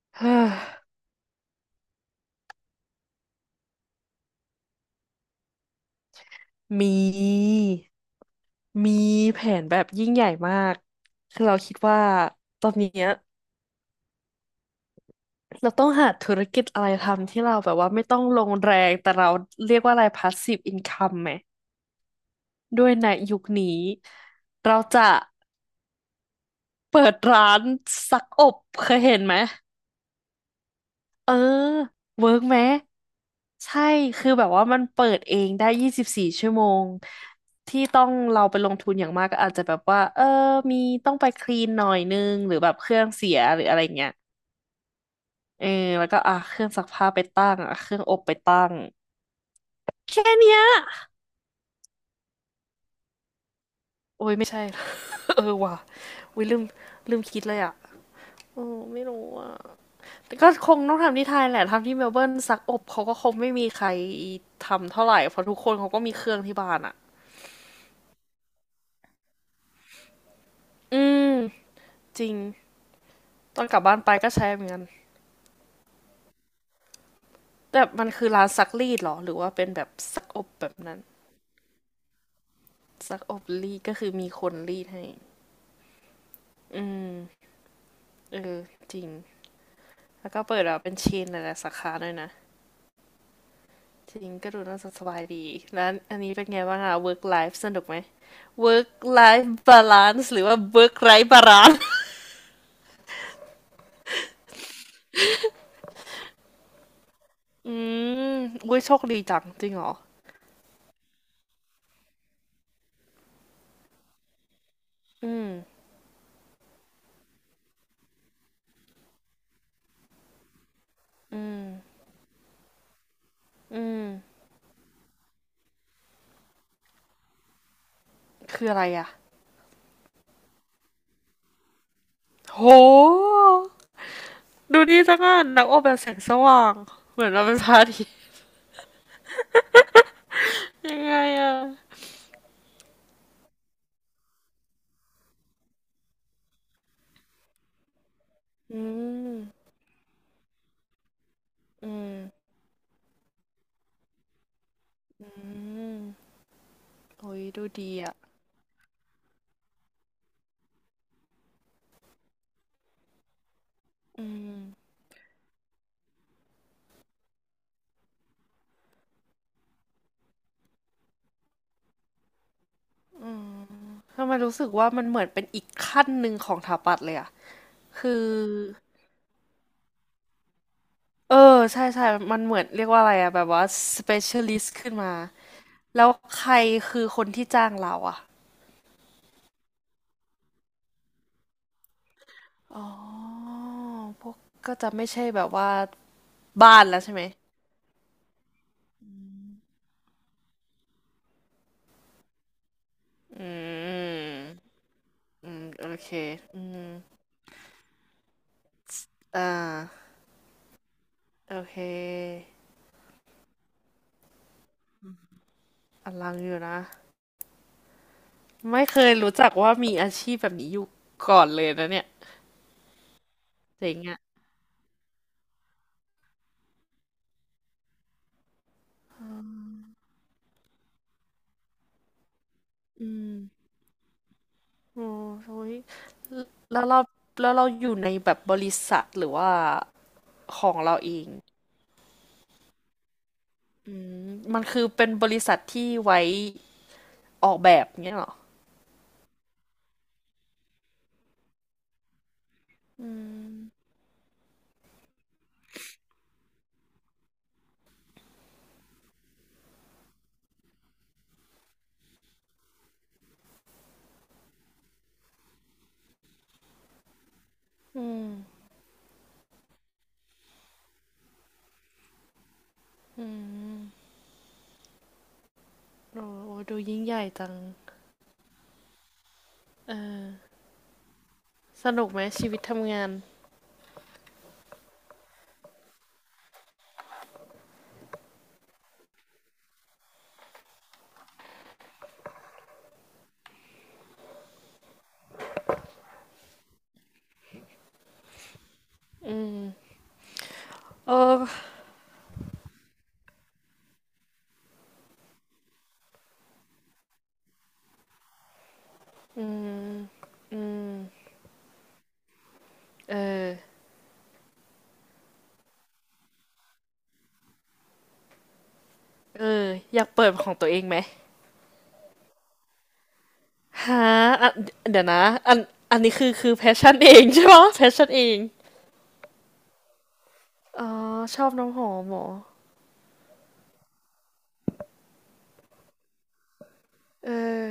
เฮ้อมี มีแผนแบบยิ่งใหญ่มาก คือเราคิดว่าตอนเนี้ยเราต้องหาธุรกิจอะไรทำที่เราแบบว่าไม่ต้องลงแรงแต่เราเรียกว่าอะไร passive income ไหม ด้วยในยุคนี้เราจะเปิดร้านซักอบเคยเห็นไหม เออเวิร์กไหมใช่คือแบบว่ามันเปิดเองได้24 ชั่วโมงที่ต้องเราไปลงทุนอย่างมากก็อาจจะแบบว่าเออมีต้องไปคลีนหน่อยนึงหรือแบบเครื่องเสียหรืออะไรเงี้ยเออแล้วก็อ่ะเครื่องซักผ้าไปตั้งอ่ะเครื่องอบไปตั้งแค่เนี้ยโอ้ยไม่ใช่ เออว่ะวิลืมคิดเลยอ่ะโอ้ไม่รู้อ่ะแต่ก็คงต้องทำที่ไทยแหละทำที่เมลเบิร์นซักอบเขาก็คงไม่มีใครทำเท่าไหร่เพราะทุกคนเขาก็มีเครื่องที่บ้านอ่ะ อืมจริงตอนกลับบ้านไปก็ใช้เหมือนกันแต่มันคือร้านซักรีดเหรอหรือว่าเป็นแบบซักอบแบบนั้นซักอบรีดก็คือมีคนรีดให้อืมเออจริงแล้วก็เปิดแบบเป็นเชนหลายๆสาขาด้วยนะจริงก็ดูน่าจะสบายดีแล้วอันนี้เป็นไงบ้างอะ work life สนุกไหม work life balance หรือว่า work life balance อืมอุ้ยโชคดีจังจริงเหรออืมอืมอืมคืออะไรอะโห ดูนี่สักอันนักออกแบบแสงสว่าง เหมือนเราเป็นพระอาทิตย์ยังไงอะอืม อืม อืม โอ้ยดูดีอ่ะอืม อืมทำไมรู้สึกว่ามันเหมือนเป็นอีกขั้นหนึ่งของถาปัตย์เลยอ่ะคือ เออใช่ใช่มันเหมือนเรียกว่าอะไรอ่ะแบบว่า specialist ขึ้นมา แล้วใครคือคนที่จ้างเราอ่ะอ๋อ พวกก็จะไม่ใช่แบบว่าบ้านแล้วใช่ไหมอืมอืมโอเคอืม อ่าโอเคอลังอยู่นะไม่เคยรู้จักว่ามีอาชีพแบบนี้อยู่ก่อนเลยนะเนี่ยเจ๋งอ่ะอืมโอ้ยแล้วเราแล้วเราอยู่ในแบบบริษัทหรือว่าของเราเองอืมมันคือเป็นบริษัทที่ไว้ออกแบบเงี้ยเหรออืมอืมอืมโอ้โหดูยิ่งใหญ่จังเออสนุกไหมชีวิตทำงานอืมเอออืมอืม เออเอออยากเปิดของตัวเองไหมฮะอ่ะเดี๋ยวนะอันอันนี้คือคือแพชชั่นเองใช่ไหมแพชชั่นเองอ๋อชอบน้ำหอมเหรอเออ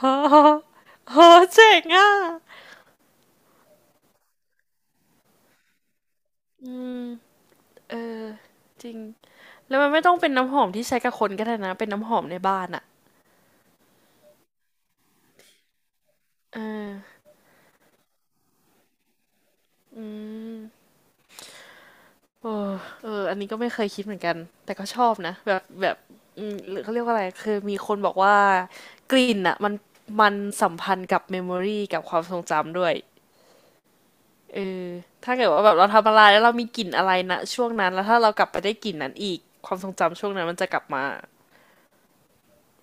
ฮะฮะเจ๋งอ่ะอืมเออจริงแล้วมันไม่ต้องเป็นน้ำหอมที่ใช้กับคนก็ได้นะเป็นน้ำหอมในบ้านอ่ะเอออืม เออเอออันนี้ก็ไม่เคยคิดเหมือนกัน แต่ก็ชอบนะแบบแบบอืมหรือเขาเรียกว่าอะไรคือมีคนบอกว่ากลิ่นอ่ะมันสัมพันธ์กับเมมโมรีกับความทรงจำด้วย เออ ถ้าเกิดว่าแบบเราทำอะไรแล้วเรามีกลิ่นอะไรนะช่วงนั้นแล้วถ้าเรากลับไปได้กลิ่นนั้นอีกความทรงจำช่วงนั้นมันจะกลับมา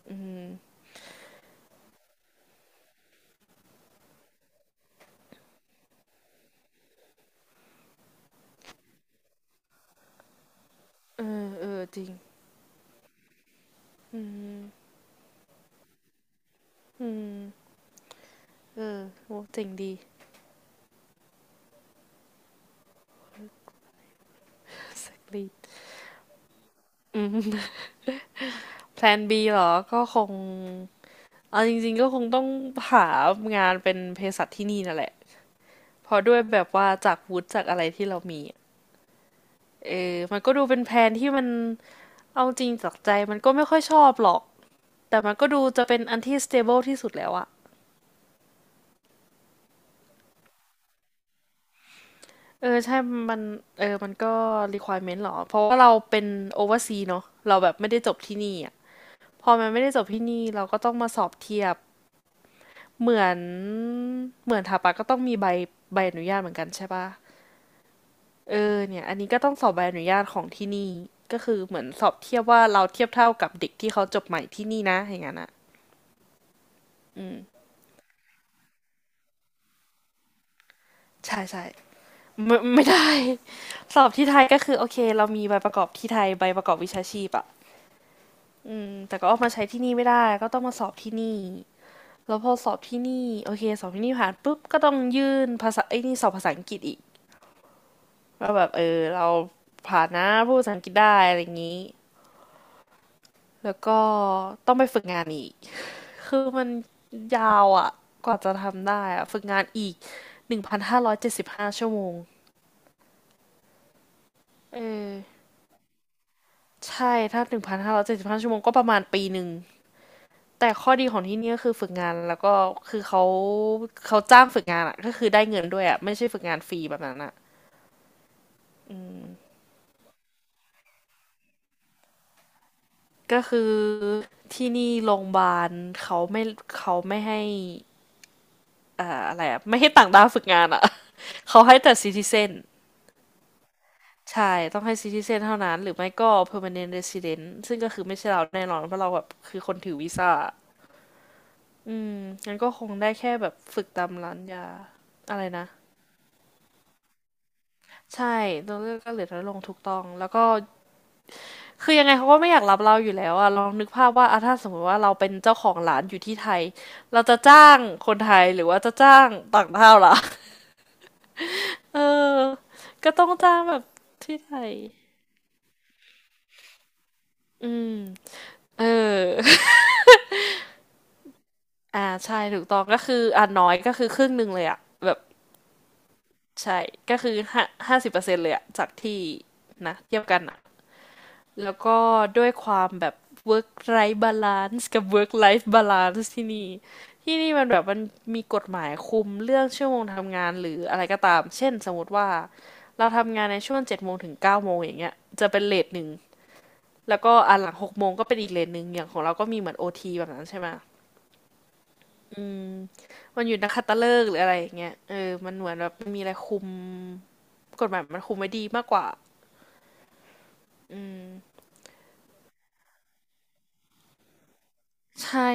อืมเออเออจริงอืมอืมเออโหเจ๋งดี exactly อืมแพลน B เหรอ ก็คง เอาจริงๆก็คงต้องหางานเป็นเภสัชที่นี่นั่นแหละเพราะด้วยแบบว่าจากวุฒิจากอะไรที่เรามีอะเออมันก็ดูเป็นแผนที่มันเอาจริงจากใจมันก็ไม่ค่อยชอบหรอกแต่มันก็ดูจะเป็นอันที่ stable ที่สุดแล้วอะเออใช่มันเออมันก็ requirement หรอเพราะว่าเราเป็น overseas เนอะเราแบบไม่ได้จบที่นี่อะพอมันไม่ได้จบที่นี่เราก็ต้องมาสอบเทียบเหมือนเหมือนถาปะก็ต้องมีใบอนุญาตเหมือนกันใช่ปะ เออเนี่ยอันนี้ก็ต้องสอบใบอนุญาตของที่นี่ก็คือเหมือนสอบเทียบว่าเราเทียบเท่ากับเด็กที่เขาจบใหม่ที่นี่นะอย่างนั้นอ่ะอืมใช่ใช่ไม่ได้ สอบที่ไทยก็คือโอเคเรามีใบประกอบที่ไทยใบประกอบวิชาชีพอ่ะอืมแต่ก็เอามาใช้ที่นี่ไม่ได้ก็ต้องมาสอบที่นี่แล้วพอสอบที่นี่โอเคสอบที่นี่ผ่านปุ๊บก็ต้องยื่นภาษาไอ้นี่สอบภาษาอังกฤษอีกว่าแบบเออเราผ่านนะพูดภาษาอังกฤษได้อะไรอย่างนี้แล้วก็ต้องไปฝึกงานอีก คือมันยาวอ่ะกว่าจะทำได้อ่ะฝึกงานอีก1,575 ชั่วโมงเออใช่ ถ้า1,575 ชั่วโมงก็ประมาณ1 ปีแต่ข้อดีของที่นี่ก็คือฝึกงานแล้วก็คือเขาจ้างฝึกงานอ่ะก็คือได้เงินด้วยอ่ะไม่ใช่ฝึกงานฟรีแบบนั้นอ่ะก็คือที่นี่โรงพยาบาลเขาไม่ เขาไม่ให้อะไรอ่ะไม่ให้ต่างด้าวฝึกงานอ่ะ เขาให้แต่ซิติเซน ใช่ ต้องให้ซิติเซนเท่านั้นหรือไม่ก็ permanent resident ซึ่งก็คือไม่ใช่เราแน่นอนเพราะเราแบบคือคนถือวีซ่าอืม งั้นก็คงได้แค่แบบฝึกตามร้านยาอะไรนะ ใช่ตัวเลือกก็เหลือน้อยลงถูกต้องแล้วก็คือยังไงเขาก็ไม่อยากรับเราอยู่แล้วอะลองนึกภาพว่าอะถ้าสมมติว่าเราเป็นเจ้าของร้านอยู่ที่ไทยเราจะจ้างคนไทยหรือว่าจะจ้างต่างด้าวล่ะเออก็ต้องจ้างแบบที่ไทยอืมเออ อ่าใช่ถูกต้องก็คืออ่าน้อยก็คือครึ่งหนึ่งเลยอะแบบใช่ก็คือ50%เลยอะจากที่นะเทียบกันอะแล้วก็ด้วยความแบบ work life balance กับ work life balance ที่นี่ที่นี่มันแบบมันมีกฎหมายคุมเรื่องชั่วโมงทำงานหรืออะไรก็ตามเช่นสมมติว่าเราทำงานในช่วง7 โมงถึง9 โมงอย่างเงี้ยจะเป็นเลทหนึ่งแล้วก็อันหลัง6 โมงก็เป็นอีกเลทหนึ่งอย่างของเราก็มีเหมือนโอทีแบบนั้นใช่ไหม อืมมันอยู่นักขัตฤกษ์หรืออะไรอย่างเงี้ยเออมันเหมือนแบบมันมีอะไรคุมกฎหมายมันคุมไว้ดีมากกว่าอืมใช่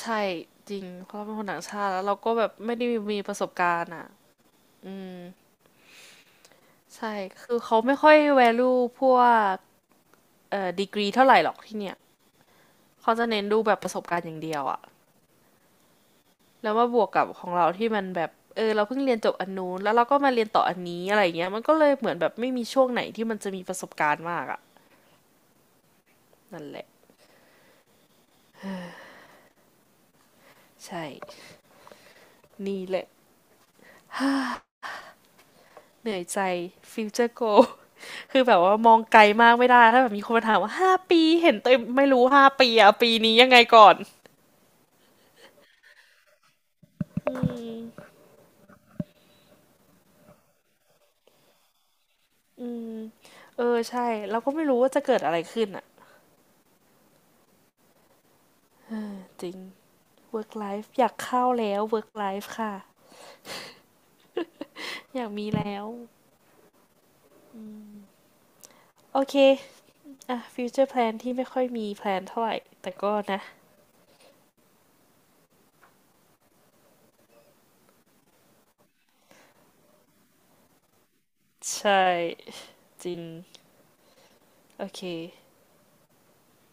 ใช่จริงเพราะเราเป็นคนต่างชาติแล้วเราก็แบบไม่ได้มีประสบการณ์อ่ะใช่คือเขาไม่ค่อย value พวกดีกรีเท่าไหร่หรอกที่เนี่ยเขาจะเน้นดูแบบประสบการณ์อย่างเดียวอ่ะแล้วมาบวกกับของเราที่มันแบบเออเราเพิ่งเรียนจบอันนู้นแล้วเราก็มาเรียนต่ออันนี้อะไรอย่างเงี้ยมันก็เลยเหมือนแบบไม่มีช่วงไหนที่มันจะมีประสบการณ์มากอ่ะนั่นแหละใช่ นี่แหละเหนื่อยใจฟิวเจอร์โก คือแบบว่ามองไกลมากไม่ได้ถ้าแบบมีคนมาถามว่าห้าปีเห็นตัวเไม่รู้ห้าปีอะปีนี้ยังไงก่อน อืมอืมเออใช่เราก็ไม่รู้ว่าจะเกิดอะไรขึ้นอะจริง work life อยากเข้าแล้ว work life ค่ะอยากมีแล้วโอเคอ่ะ future plan ที่ไม่ค่อยมีแพลนเท่าไหร่แต่ก็นะใช่จริงโอเค